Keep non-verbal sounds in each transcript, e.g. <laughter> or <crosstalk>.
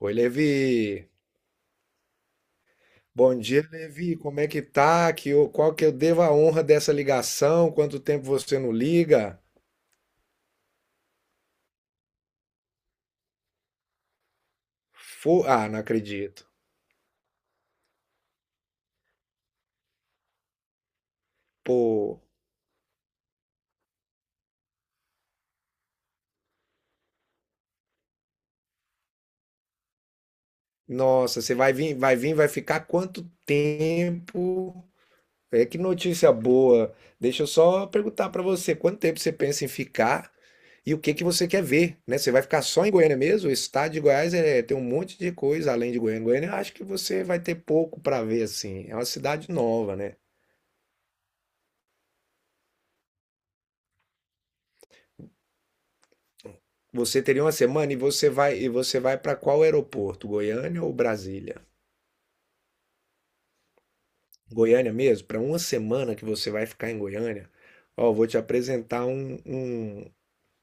Oi, Levi. Bom dia, Levi. Como é que tá? Qual que eu devo a honra dessa ligação? Quanto tempo você não liga? Não acredito. Pô, nossa, você vai vir, vai ficar quanto tempo? É que notícia boa. Deixa eu só perguntar pra você, quanto tempo você pensa em ficar e o que que você quer ver, né? Você vai ficar só em Goiânia mesmo? O estado de Goiás é, tem um monte de coisa além de Goiânia. Goiânia, eu acho que você vai ter pouco pra ver assim. É uma cidade nova, né? Você teria uma semana e você vai para qual aeroporto? Goiânia ou Brasília? Goiânia mesmo? Para uma semana que você vai ficar em Goiânia, ó, vou te apresentar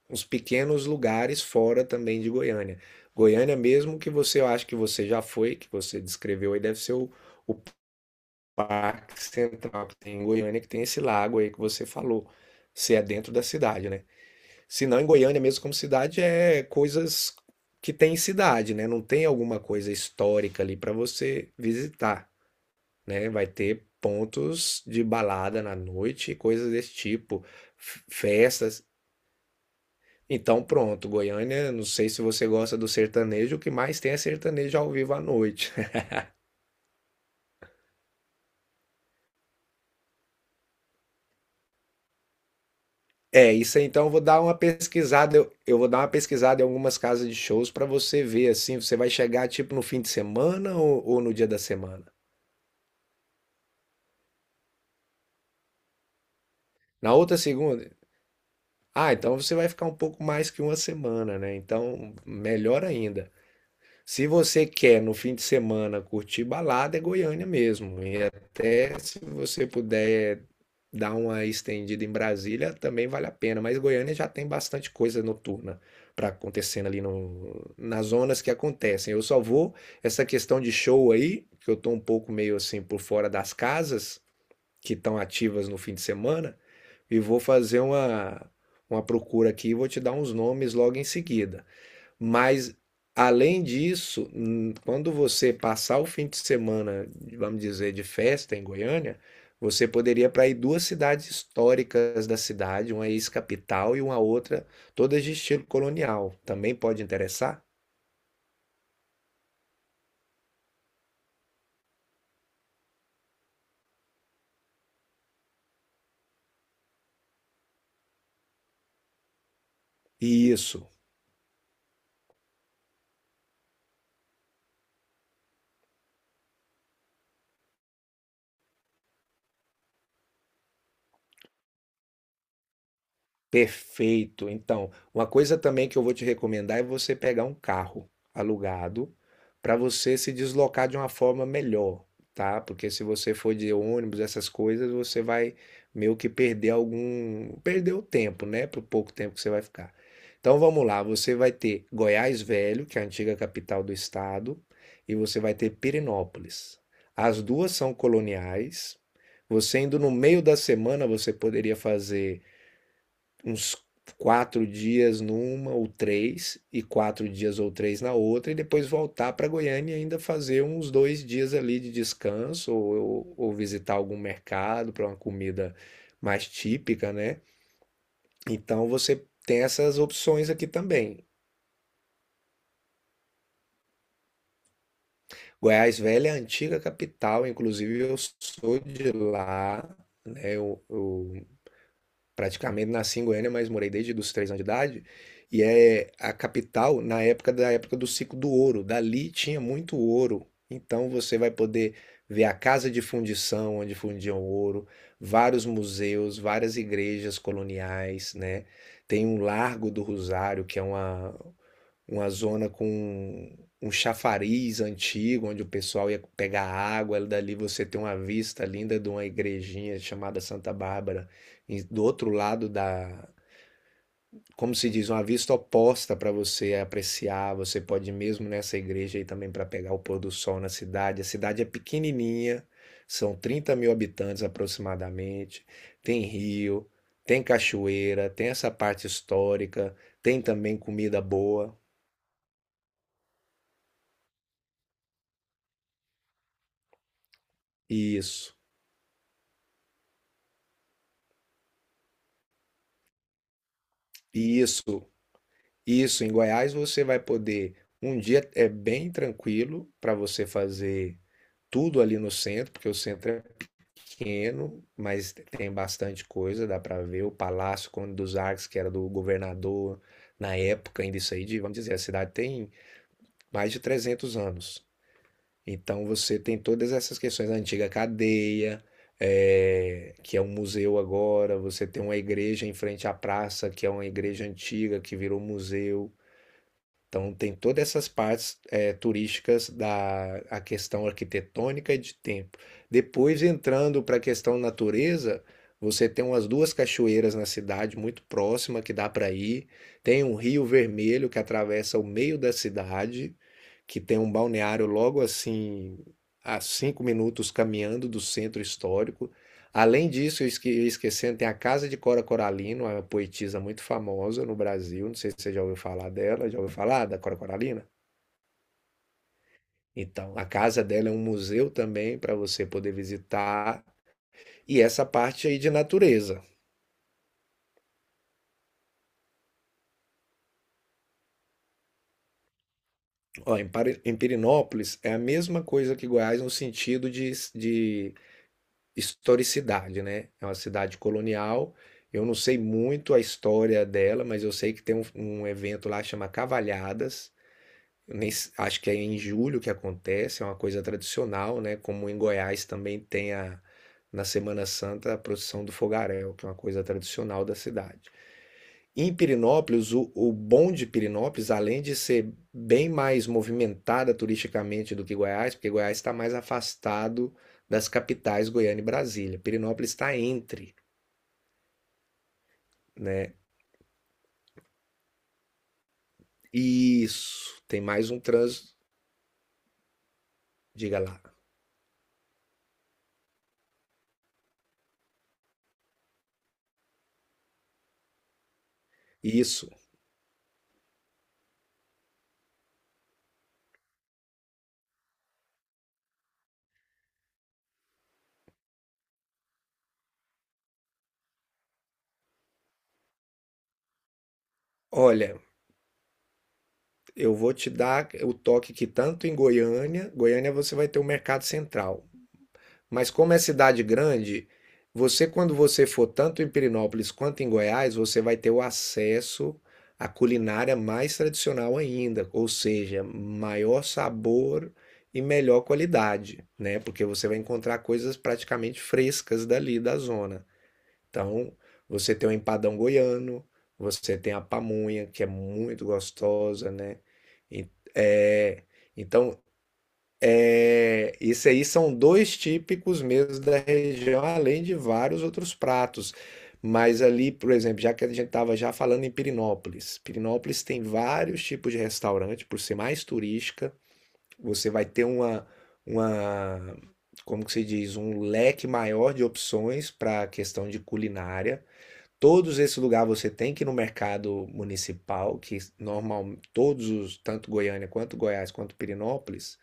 uns pequenos lugares fora também de Goiânia. Goiânia mesmo que você eu acho que você já foi, que você descreveu aí, deve ser o Parque Central que tem em Goiânia, que tem esse lago aí que você falou. Se é dentro da cidade, né? Se não, em Goiânia mesmo como cidade é coisas que tem em cidade, né? Não tem alguma coisa histórica ali para você visitar, né? Vai ter pontos de balada na noite, coisas desse tipo, festas. Então, pronto, Goiânia, não sei se você gosta do sertanejo, o que mais tem é sertanejo ao vivo à noite. <laughs> É, isso aí, então eu vou dar uma pesquisada, eu vou dar uma pesquisada em algumas casas de shows para você ver assim. Você vai chegar tipo no fim de semana ou no dia da semana? Na outra segunda? Ah, então você vai ficar um pouco mais que uma semana, né? Então, melhor ainda. Se você quer no fim de semana curtir balada, é Goiânia mesmo. E até se você puder dar uma estendida em Brasília, também vale a pena. Mas Goiânia já tem bastante coisa noturna para acontecendo ali no, nas zonas que acontecem. Eu só vou, essa questão de show aí, que eu tô um pouco meio assim por fora das casas que estão ativas no fim de semana e vou fazer uma procura aqui e vou te dar uns nomes logo em seguida. Mas, além disso, quando você passar o fim de semana, vamos dizer, de festa em Goiânia, você poderia para ir duas cidades históricas da cidade, uma ex-capital e uma outra, todas de estilo colonial. Também pode interessar? E isso. Perfeito. Então, uma coisa também que eu vou te recomendar é você pegar um carro alugado para você se deslocar de uma forma melhor, tá? Porque se você for de ônibus, essas coisas, você vai meio que perder algum, perder o tempo, né? Pro pouco tempo que você vai ficar. Então, vamos lá, você vai ter Goiás Velho, que é a antiga capital do estado, e você vai ter Pirenópolis. As duas são coloniais. Você indo no meio da semana, você poderia fazer uns 4 dias numa ou três, e 4 dias ou três na outra, e depois voltar para Goiânia e ainda fazer uns 2 dias ali de descanso, ou visitar algum mercado para uma comida mais típica, né? Então você tem essas opções aqui também. Goiás Velha é a antiga capital, inclusive eu sou de lá, né? Eu praticamente nasci em Goiânia, mas morei desde os 3 anos de idade. E é a capital na época da época do ciclo do ouro. Dali tinha muito ouro. Então você vai poder ver a casa de fundição onde fundiam ouro, vários museus, várias igrejas coloniais, né? Tem um Largo do Rosário, que é uma zona com um chafariz antigo, onde o pessoal ia pegar água. Dali você tem uma vista linda de uma igrejinha chamada Santa Bárbara, e do outro lado da, como se diz, uma vista oposta para você apreciar. Você pode ir mesmo nessa igreja aí também para pegar o pôr do sol na cidade. A cidade é pequenininha, são 30 mil habitantes aproximadamente. Tem rio, tem cachoeira, tem essa parte histórica, tem também comida boa. Isso. Isso, isso. Em Goiás você vai poder. Um dia é bem tranquilo para você fazer tudo ali no centro, porque o centro é pequeno, mas tem bastante coisa. Dá para ver o Palácio Conde dos Arcos, que era do governador na época, ainda isso aí, de, vamos dizer, a cidade tem mais de 300 anos. Então você tem todas essas questões, a antiga cadeia, que é um museu agora. Você tem uma igreja em frente à praça, que é uma igreja antiga que virou museu. Então tem todas essas partes turísticas da a questão arquitetônica e de tempo. Depois entrando para a questão natureza, você tem umas duas cachoeiras na cidade muito próxima que dá para ir. Tem um rio vermelho que atravessa o meio da cidade, que tem um balneário logo assim a 5 minutos caminhando do centro histórico. Além disso, eu ia esquecendo, tem a Casa de Cora Coralina, uma poetisa muito famosa no Brasil. Não sei se você já ouviu falar dela. Já ouviu falar da Cora Coralina? Então, a casa dela é um museu também para você poder visitar. E essa parte aí de natureza. Ó, em Pirinópolis é a mesma coisa que Goiás no sentido de historicidade, né? É uma cidade colonial. Eu não sei muito a história dela, mas eu sei que tem um, evento lá que chama Cavalhadas. Nem s- acho que é em julho que acontece, é uma coisa tradicional, né? Como em Goiás também tem a, na Semana Santa a procissão do fogaréu, que é uma coisa tradicional da cidade. Em Pirinópolis, o bom de Pirinópolis, além de ser bem mais movimentada turisticamente do que Goiás, porque Goiás está mais afastado das capitais Goiânia e Brasília. Pirinópolis está entre, né? Isso, tem mais um trânsito. Diga lá. Isso. Olha, eu vou te dar o toque que tanto em Goiânia você vai ter o Mercado Central. Mas como é cidade grande, você quando você for tanto em Pirinópolis quanto em Goiás, você vai ter o acesso à culinária mais tradicional ainda, ou seja, maior sabor e melhor qualidade, né? Porque você vai encontrar coisas praticamente frescas dali da zona. Então, você tem o empadão goiano, você tem a pamonha, que é muito gostosa, né? E- É, então, é, isso aí são dois típicos mesmo da região, além de vários outros pratos. Mas ali, por exemplo, já que a gente estava já falando em Pirinópolis, Pirinópolis tem vários tipos de restaurante, por ser mais turística, você vai ter uma, como que se diz, um leque maior de opções para a questão de culinária. Todos esse lugar você tem que ir no mercado municipal, que normal, tanto Goiânia quanto Goiás quanto Pirinópolis,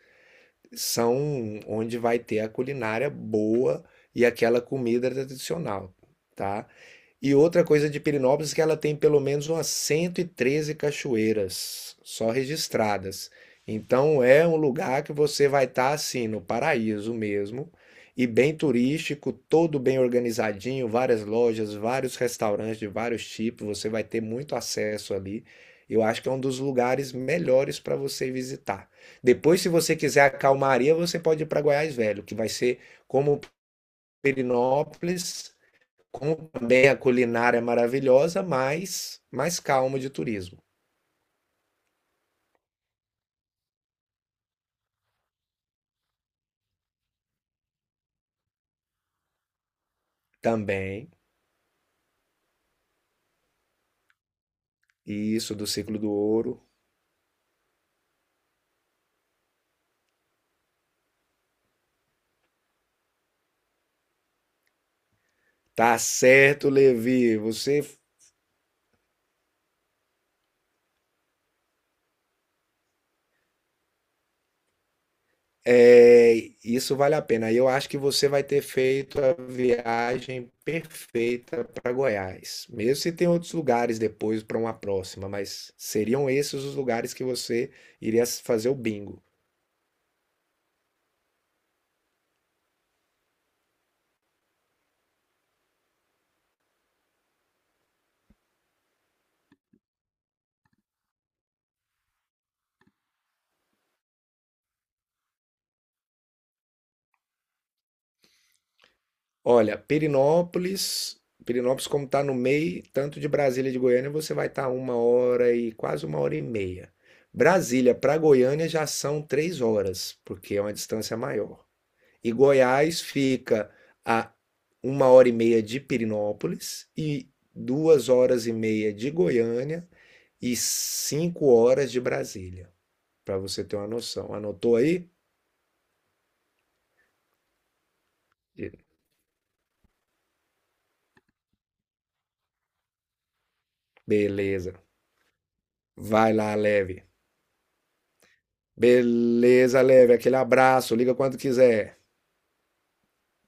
são onde vai ter a culinária boa e aquela comida tradicional, tá? E outra coisa de Pirinópolis é que ela tem pelo menos umas 113 cachoeiras só registradas. Então é um lugar que você vai estar assim no paraíso mesmo e bem turístico, todo bem organizadinho, várias lojas, vários restaurantes de vários tipos, você vai ter muito acesso ali. Eu acho que é um dos lugares melhores para você visitar. Depois, se você quiser a calmaria, você pode ir para Goiás Velho, que vai ser como Pirinópolis, com também a culinária é maravilhosa, mas mais calma de turismo. Também, e isso do ciclo do ouro. Tá certo, Levi, é, isso vale a pena. Eu acho que você vai ter feito a viagem perfeita para Goiás. Mesmo se tem outros lugares depois para uma próxima, mas seriam esses os lugares que você iria fazer o bingo. Olha, Perinópolis como está no meio, tanto de Brasília e de Goiânia, você vai estar uma hora e quase uma hora e meia. Brasília para Goiânia já são 3 horas, porque é uma distância maior. E Goiás fica a uma hora e meia de Perinópolis e 2 horas e meia de Goiânia e 5 horas de Brasília, para você ter uma noção. Anotou aí? Beleza. Vai lá, leve. Beleza, Leve. Aquele abraço. Liga quando quiser.